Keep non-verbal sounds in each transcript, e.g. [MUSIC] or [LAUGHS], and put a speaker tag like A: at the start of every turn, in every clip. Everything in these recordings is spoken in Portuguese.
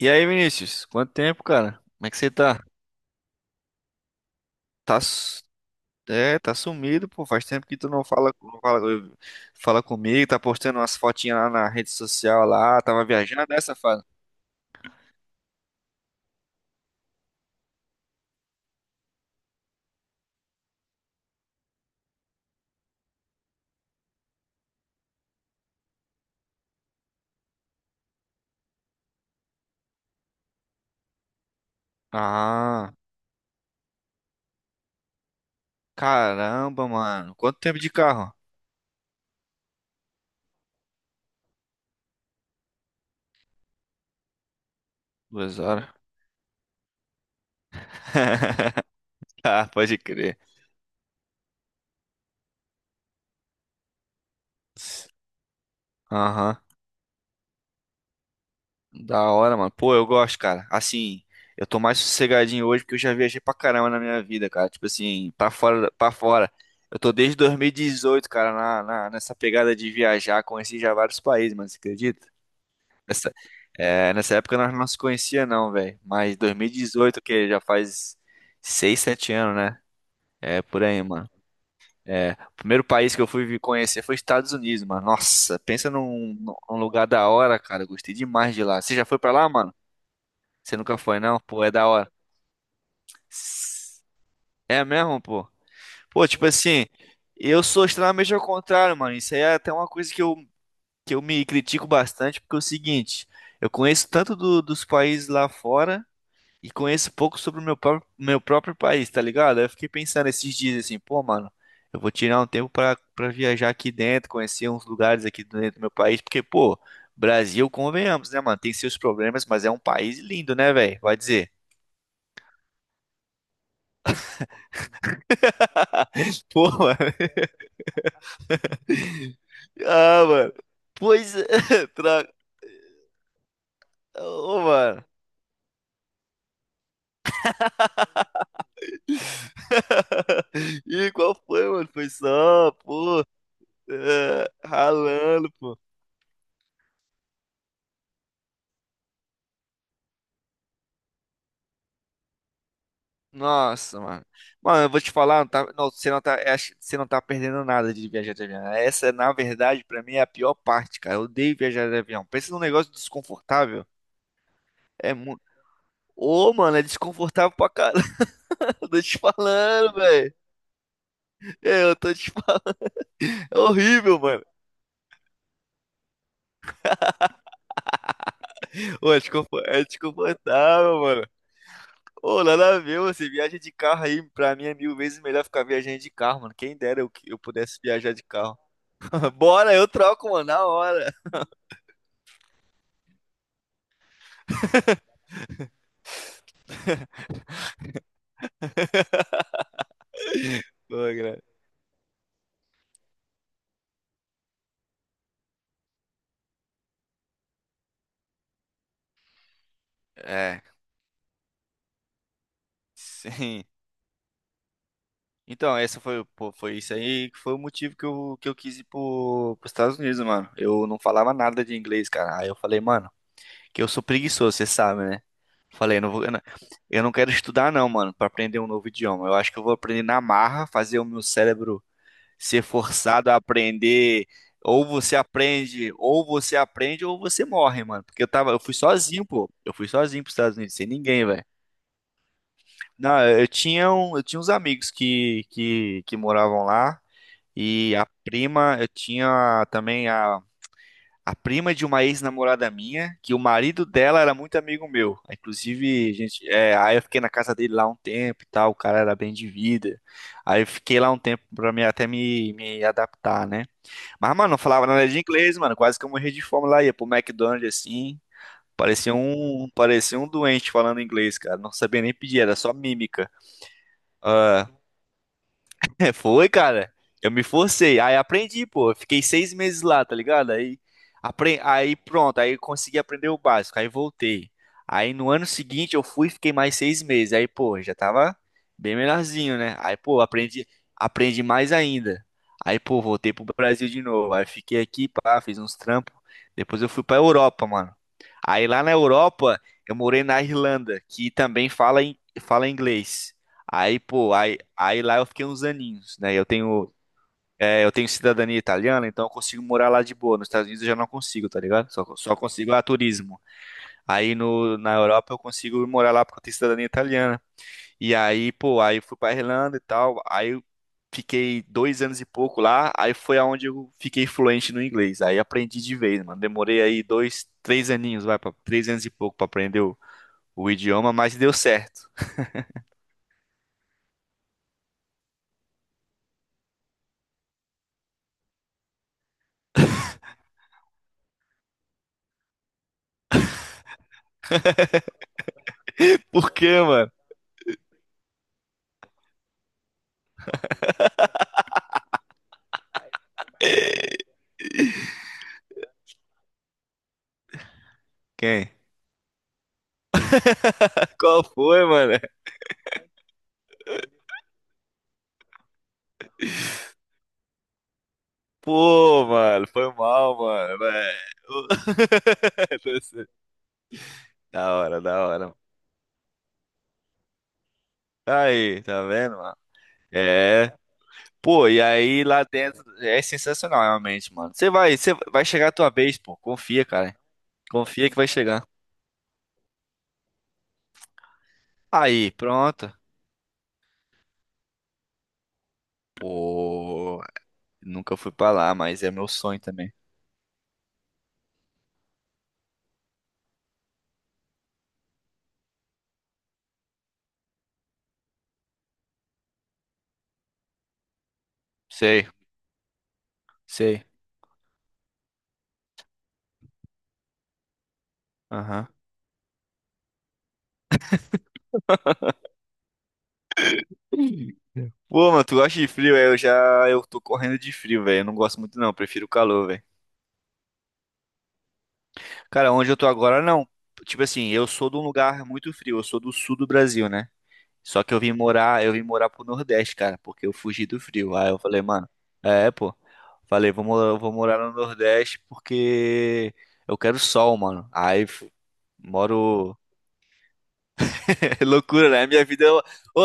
A: E aí, Vinícius? Quanto tempo, cara? Como é que você tá? Tá, su- tá sumido, pô. Faz tempo que tu não fala comigo, tá postando umas fotinhas lá na rede social lá, tava viajando dessa fase. Ah, caramba, mano. Quanto tempo de carro? 2 horas. [LAUGHS] Ah, pode crer. Aham. Da hora, mano. Pô, eu gosto, cara. Assim, eu tô mais sossegadinho hoje porque eu já viajei pra caramba na minha vida, cara. Tipo assim, pra fora, pra fora. Eu tô desde 2018, cara, nessa pegada de viajar. Conheci já vários países, mano, você acredita? Nessa, nessa época nós não se conhecia, não, velho. Mas 2018, que já faz 6 7 anos, né? É, por aí, mano. É, o primeiro país que eu fui conhecer foi Estados Unidos, mano. Nossa, pensa num lugar da hora, cara. Eu gostei demais de lá. Você já foi pra lá, mano? Você nunca foi, não? Pô, é da hora. S- É mesmo, pô? Pô, tipo assim, eu sou extremamente ao contrário, mano. Isso aí é até uma coisa que eu me critico bastante, porque é o seguinte, eu conheço tanto dos países lá fora e conheço pouco sobre o meu próprio país, tá ligado? Aí eu fiquei pensando esses dias assim, pô, mano, eu vou tirar um tempo pra viajar aqui dentro, conhecer uns lugares aqui dentro do meu país, porque, pô, Brasil, convenhamos, né, mano? Tem seus problemas, mas é um país lindo, né, velho? Vai dizer. [LAUGHS] Pô, mano. Ah, mano. Pois é, [LAUGHS] tra... Ô, mano. [LAUGHS] Ih, qual foi, mano? Foi só, pô, ralando, pô. Nossa, mano. Mano, eu vou te falar, você não tá perdendo nada de viajar de avião. Essa, na verdade, pra mim é a pior parte, cara. Eu odeio viajar de avião. Pensa num negócio desconfortável. É muito. Ô, mano, é desconfortável pra caramba. [LAUGHS] Tô te falando, velho. É, eu tô te falando. É horrível, mano. Ô, é desconfortável, mano. Ô, nada a ver, você viaja de carro aí, pra mim é mil vezes melhor ficar viajando de carro, mano. Quem dera eu pudesse viajar de carro. [LAUGHS] Bora, eu troco, mano, na hora. Pô, cara. É, sim. Então, essa foi, pô, foi isso aí que foi o motivo que eu quis ir pros Estados Unidos, mano. Eu não falava nada de inglês, cara. Aí eu falei, mano, que eu sou preguiçoso, você sabe, né? Falei, não vou, eu não quero estudar não, mano, pra aprender um novo idioma. Eu acho que eu vou aprender na marra, fazer o meu cérebro ser forçado a aprender. Ou você aprende, ou você aprende, ou você morre, mano. Porque eu fui sozinho, pô. Eu fui sozinho pros Estados Unidos, sem ninguém, velho. Não, eu tinha uns amigos que moravam lá. E a prima, eu tinha também a prima de uma ex-namorada minha, que o marido dela era muito amigo meu. Inclusive, gente, aí eu fiquei na casa dele lá um tempo e tal. O cara era bem de vida. Aí eu fiquei lá um tempo até me adaptar, né? Mas, mano, não falava nada de inglês, mano. Quase que eu morri de fome lá. Ia pro McDonald's assim. Parecia um doente falando inglês, cara. Não sabia nem pedir, era só mímica. Ah, [LAUGHS] Foi, cara. Eu me forcei. Aí aprendi, pô. Eu fiquei 6 meses lá, tá ligado? Aí, aí pronto. Aí eu consegui aprender o básico. Aí voltei. Aí no ano seguinte eu fui e fiquei mais 6 meses. Aí, pô, já tava bem melhorzinho, né? Aí, pô, aprendi mais ainda. Aí, pô, voltei pro Brasil de novo. Aí fiquei aqui, pá, fiz uns trampos. Depois eu fui pra Europa, mano. Aí lá na Europa eu morei na Irlanda, que também fala inglês. Aí, pô, aí lá eu fiquei uns aninhos, né? Eu tenho cidadania italiana, então eu consigo morar lá de boa. Nos Estados Unidos eu já não consigo, tá ligado? Só consigo a turismo. Aí no, na Europa eu consigo morar lá porque eu tenho cidadania italiana. E aí, pô, aí eu fui pra Irlanda e tal. Aí eu fiquei 2 anos e pouco lá. Aí foi aonde eu fiquei fluente no inglês. Aí aprendi de vez, mano. Demorei aí dois, três aninhos, vai, 3 anos e pouco pra aprender o idioma, mas deu certo. [LAUGHS] Por quê, mano? Quem? Qual foi, mano? Pô, mano, foi mal, mano, velho. [LAUGHS] Da hora, da hora. Aí, tá vendo, mano? É. Pô, e aí lá dentro é sensacional, realmente, mano. Você vai chegar a tua vez, pô. Confia, cara. Confia que vai chegar. Aí, pronto. Pô, nunca fui pra lá, mas é meu sonho também. Sei, sei. Aham. Pô, mano, tu gosta de frio, é? Eu tô correndo de frio, velho. Eu não gosto muito, não. Eu prefiro o calor, velho. Cara, onde eu tô agora, não. Tipo assim, eu sou de um lugar muito frio, eu sou do sul do Brasil, né? Só que eu vim morar pro Nordeste, cara, porque eu fugi do frio. Aí eu falei, mano, pô. Falei, vou morar no Nordeste porque eu quero sol, mano. Aí moro. [LAUGHS] É loucura, né? A minha vida é. Uma- Ô,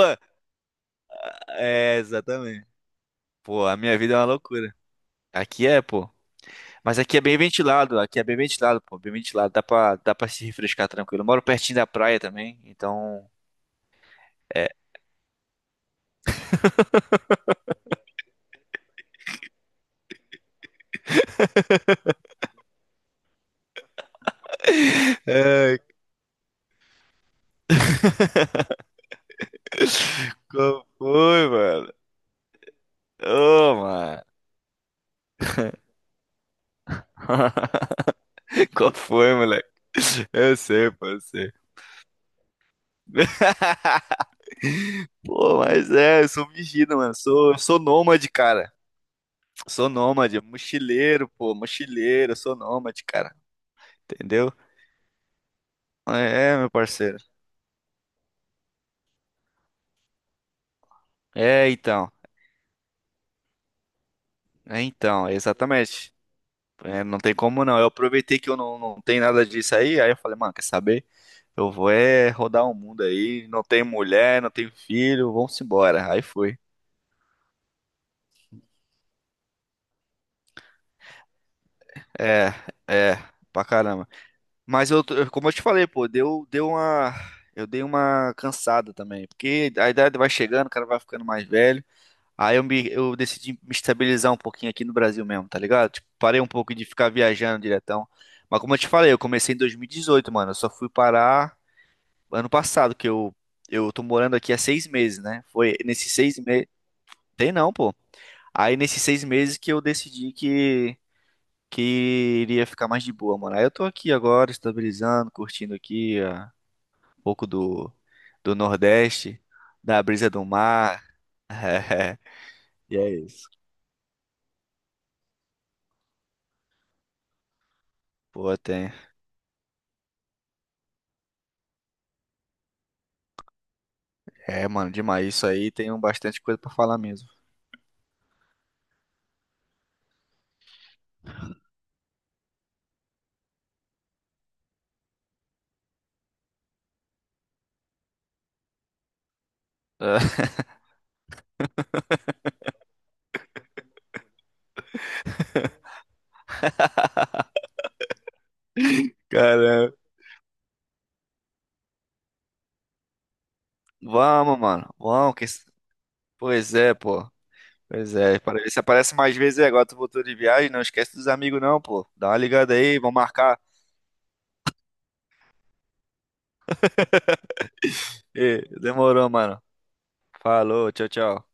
A: é, exatamente. Pô, a minha vida é uma loucura. Aqui é, pô. Mas aqui é bem ventilado, aqui é bem ventilado, pô, bem ventilado. Dá pra se refrescar tranquilo. Eu moro pertinho da praia também, então. Ai, qual foi, mano? Ô, mano. [LAUGHS] Qual foi, moleque? Eu sei, pô, eu sei. [LAUGHS] Pô, mas eu sou vigido, mano. Sou nômade, cara. Sou nômade, mochileiro, pô, mochileiro, sou nômade, cara. Entendeu? É, é, meu parceiro. É, então. É, então, exatamente. É, não tem como não. Eu aproveitei que eu não tenho nada disso aí, aí eu falei, mano, quer saber? Eu vou é rodar o mundo aí, não tenho mulher, não tenho filho, vamos embora. Aí foi. É, é, pra caramba. Mas como eu te falei, pô, eu dei uma cansada também, porque a idade vai chegando, o cara vai ficando mais velho. Aí eu decidi me estabilizar um pouquinho aqui no Brasil mesmo, tá ligado? Tipo, parei um pouco de ficar viajando diretão. Mas como eu te falei, eu comecei em 2018, mano. Eu só fui parar ano passado, que eu tô morando aqui há 6 meses, né? Foi nesses 6 meses. Tem não, pô. Aí nesses 6 meses que eu decidi que iria ficar mais de boa, mano. Aí eu tô aqui agora, estabilizando, curtindo aqui ó, um pouco do Nordeste, da brisa do mar. [LAUGHS] E é isso. Pô, tem. É, mano, demais. Isso aí tem um bastante coisa pra falar mesmo. [LAUGHS] Caramba. Vamos, mano. Vamos. Que Pois é, pô. Pois é. Para ver se aparece mais vezes aí. Agora tu voltou de viagem. Não esquece dos amigos, não, pô. Dá uma ligada aí. Vamos marcar. Ê, demorou, mano. Falou, tchau, tchau.